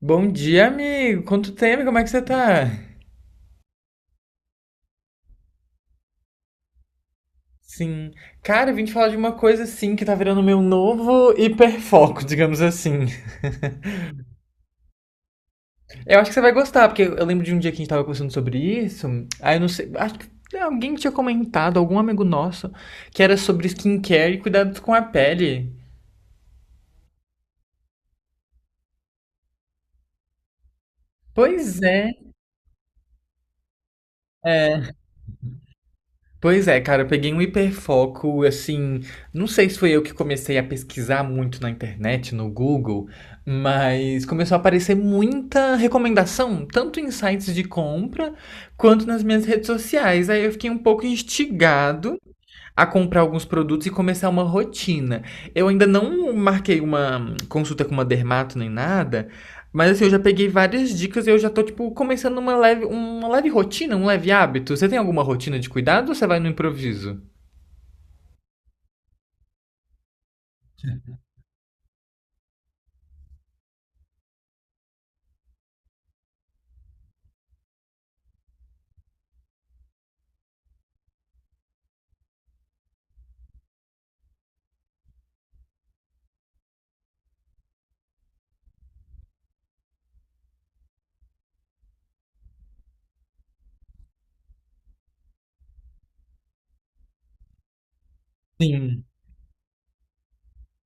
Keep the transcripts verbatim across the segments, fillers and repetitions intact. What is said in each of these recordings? Bom dia, amigo. Quanto tempo? Como é que você tá? Sim. Cara, eu vim te falar de uma coisa assim que tá virando meu novo hiperfoco, digamos assim. Eu acho que você vai gostar, porque eu lembro de um dia que a gente tava conversando sobre isso. Aí eu não sei, acho que alguém tinha comentado, algum amigo nosso, que era sobre skincare e cuidados com a pele. Pois é. É. Pois é, cara, eu peguei um hiperfoco, assim, não sei se foi eu que comecei a pesquisar muito na internet, no Google, mas começou a aparecer muita recomendação, tanto em sites de compra quanto nas minhas redes sociais. Aí eu fiquei um pouco instigado a comprar alguns produtos e começar uma rotina. Eu ainda não marquei uma consulta com uma dermato nem nada, mas assim, eu já peguei várias dicas e eu já tô, tipo, começando uma leve, uma leve rotina, um leve hábito. Você tem alguma rotina de cuidado ou você vai no improviso? Sim.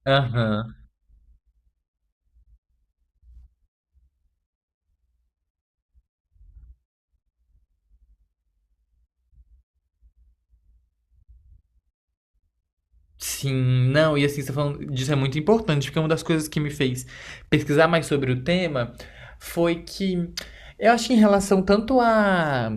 Aham. Sim, não, e assim, você tá falando disso é muito importante, porque uma das coisas que me fez pesquisar mais sobre o tema foi que eu acho que em relação tanto a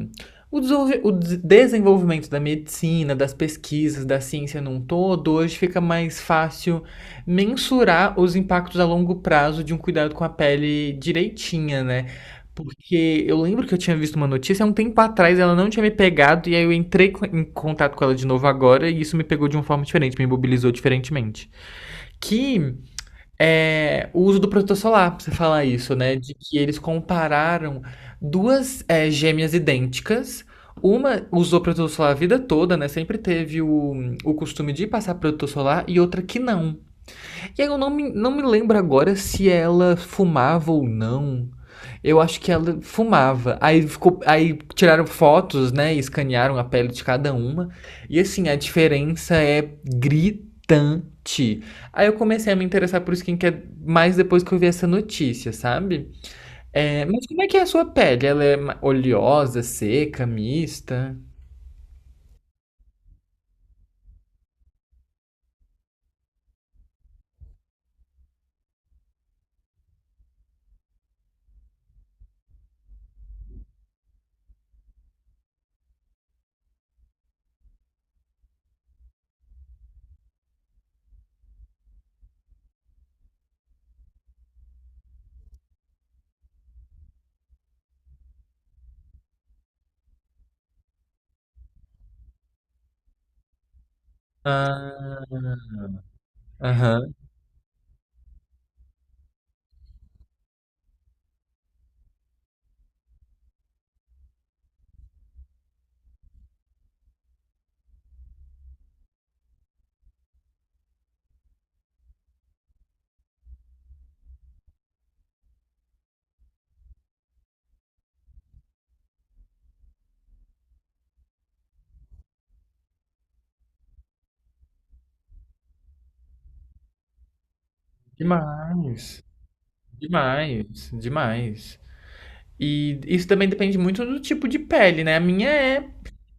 o, desenvolve- o des- desenvolvimento da medicina, das pesquisas, da ciência num todo, hoje fica mais fácil mensurar os impactos a longo prazo de um cuidado com a pele direitinha, né? Porque eu lembro que eu tinha visto uma notícia há um tempo atrás, ela não tinha me pegado, e aí eu entrei co- em contato com ela de novo agora, e isso me pegou de uma forma diferente, me mobilizou diferentemente. Que é o uso do protetor solar, pra você falar isso, né? De que eles compararam duas é, gêmeas idênticas. Uma usou protetor solar a vida toda, né? Sempre teve o, o costume de passar protetor solar, e outra que não. E aí eu não me, não me lembro agora se ela fumava ou não. Eu acho que ela fumava. Aí ficou, aí tiraram fotos, né? Escanearam a pele de cada uma. E assim, a diferença é gritante. Aí eu comecei a me interessar por skincare mais depois que eu vi essa notícia, sabe? É, mas como é que é a sua pele? Ela é ma- oleosa, seca, mista? Ah, aham. Demais. Demais, demais. E isso também depende muito do tipo de pele, né? A minha é.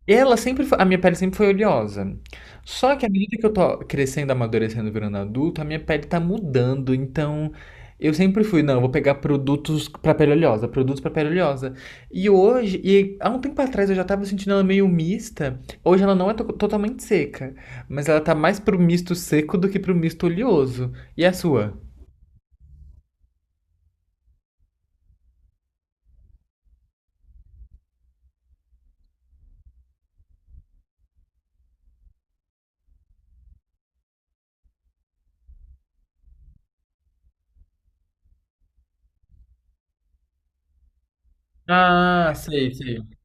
Ela sempre foi. A minha pele sempre foi oleosa. Só que à medida que eu tô crescendo, amadurecendo, virando adulto, a minha pele tá mudando. Então, eu sempre fui, não, eu vou pegar produtos pra pele oleosa, produtos pra pele oleosa. E hoje, e há um tempo atrás eu já tava sentindo ela meio mista. Hoje ela não é to- totalmente seca, mas ela tá mais pro misto seco do que pro misto oleoso. E a sua? Ah, sei, sei.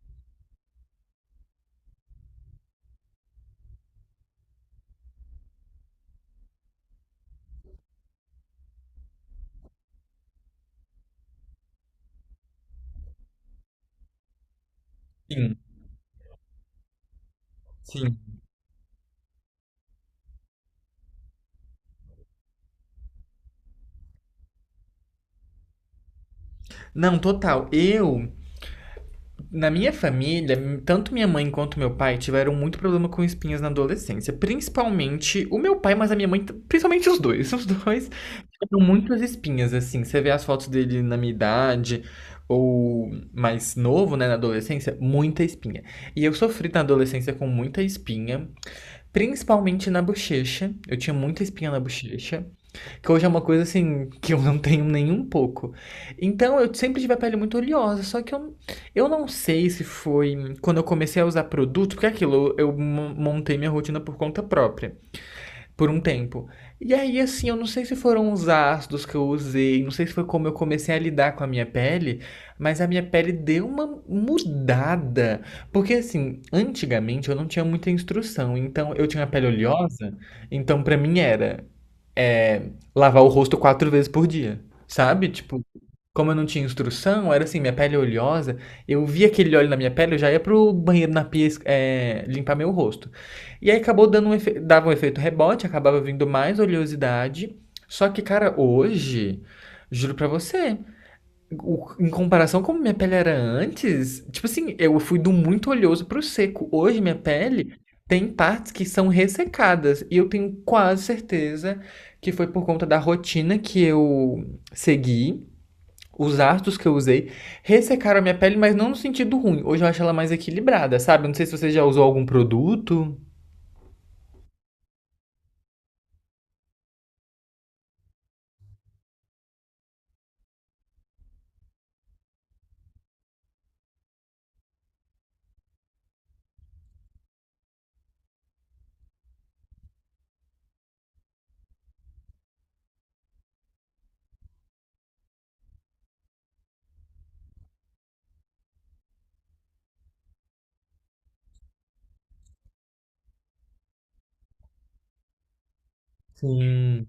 Sim, sim. Não, total. Eu. Na minha família, tanto minha mãe quanto meu pai tiveram muito problema com espinhas na adolescência. Principalmente o meu pai, mas a minha mãe, principalmente os dois. Os dois tiveram muitas espinhas, assim. Você vê as fotos dele na minha idade, ou mais novo, né, na adolescência, muita espinha. E eu sofri na adolescência com muita espinha, principalmente na bochecha. Eu tinha muita espinha na bochecha. Que hoje é uma coisa assim que eu não tenho nem um pouco. Então eu sempre tive a pele muito oleosa, só que eu, eu não sei se foi quando eu comecei a usar produto, porque é aquilo, eu montei minha rotina por conta própria, por um tempo. E aí assim, eu não sei se foram os ácidos que eu usei, não sei se foi como eu comecei a lidar com a minha pele, mas a minha pele deu uma mudada. Porque assim, antigamente eu não tinha muita instrução, então eu tinha a pele oleosa, então pra mim era é, lavar o rosto quatro vezes por dia, sabe? Tipo, como eu não tinha instrução, era assim, minha pele é oleosa, eu via aquele óleo na minha pele, eu já ia pro banheiro na pia, es- é, limpar meu rosto. E aí acabou dando um efe- dava um efeito rebote, acabava vindo mais oleosidade. Só que, cara, hoje, juro pra você o- em comparação como minha pele era antes, tipo assim, eu fui do muito oleoso pro seco. Hoje minha pele tem partes que são ressecadas e eu tenho quase certeza que foi por conta da rotina que eu segui, os ácidos que eu usei ressecaram a minha pele, mas não no sentido ruim. Hoje eu acho ela mais equilibrada, sabe? Não sei se você já usou algum produto. Sim.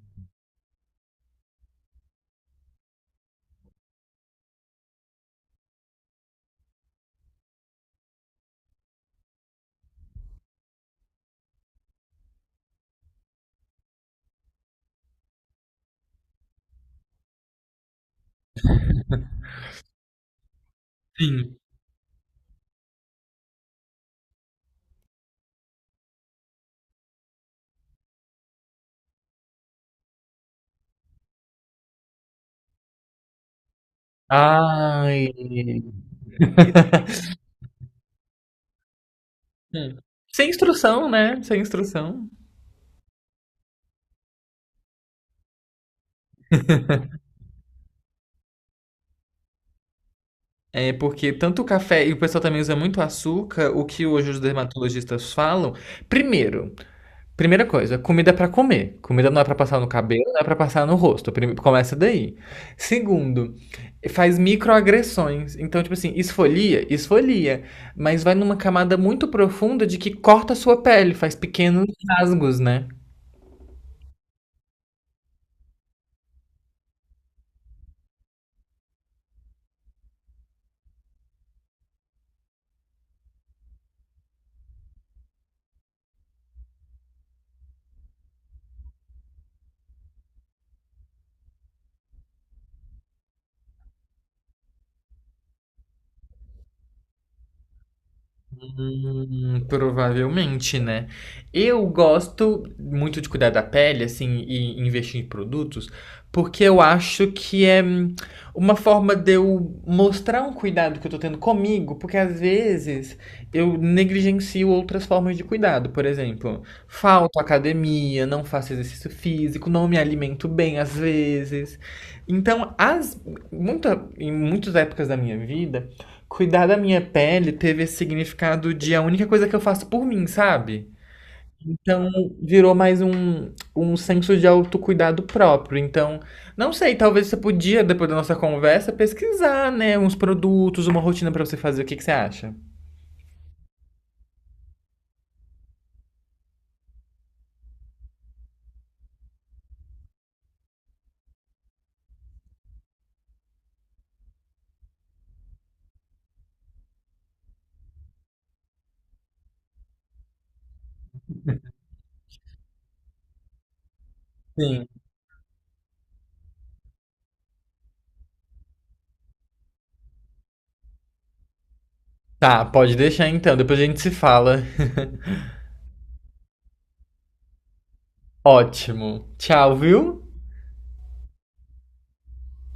Sim. Ai. Hum. Sem instrução, né? Sem instrução. É porque tanto o café e o pessoal também usa muito açúcar, o que hoje os dermatologistas falam. Primeiro, primeira coisa, comida é pra comer. Comida não é pra passar no cabelo, não é pra passar no rosto. Prime- Começa daí. Segundo, faz microagressões. Então, tipo assim, esfolia, esfolia, mas vai numa camada muito profunda de que corta a sua pele, faz pequenos rasgos, né? Hum, provavelmente, né? Eu gosto muito de cuidar da pele, assim, e investir em produtos, porque eu acho que é hum, uma forma de eu mostrar um cuidado que eu tô tendo comigo, porque às vezes eu negligencio outras formas de cuidado. Por exemplo, falto à academia, não faço exercício físico, não me alimento bem às vezes. Então, as, muita, em muitas épocas da minha vida, cuidar da minha pele teve esse significado de a única coisa que eu faço por mim, sabe? Então virou mais um, um senso de autocuidado próprio. Então, não sei, talvez você podia, depois da nossa conversa, pesquisar, né, uns produtos, uma rotina pra você fazer. O que que você acha? Sim. Tá, pode deixar então. Depois a gente se fala. Ótimo. Tchau, viu?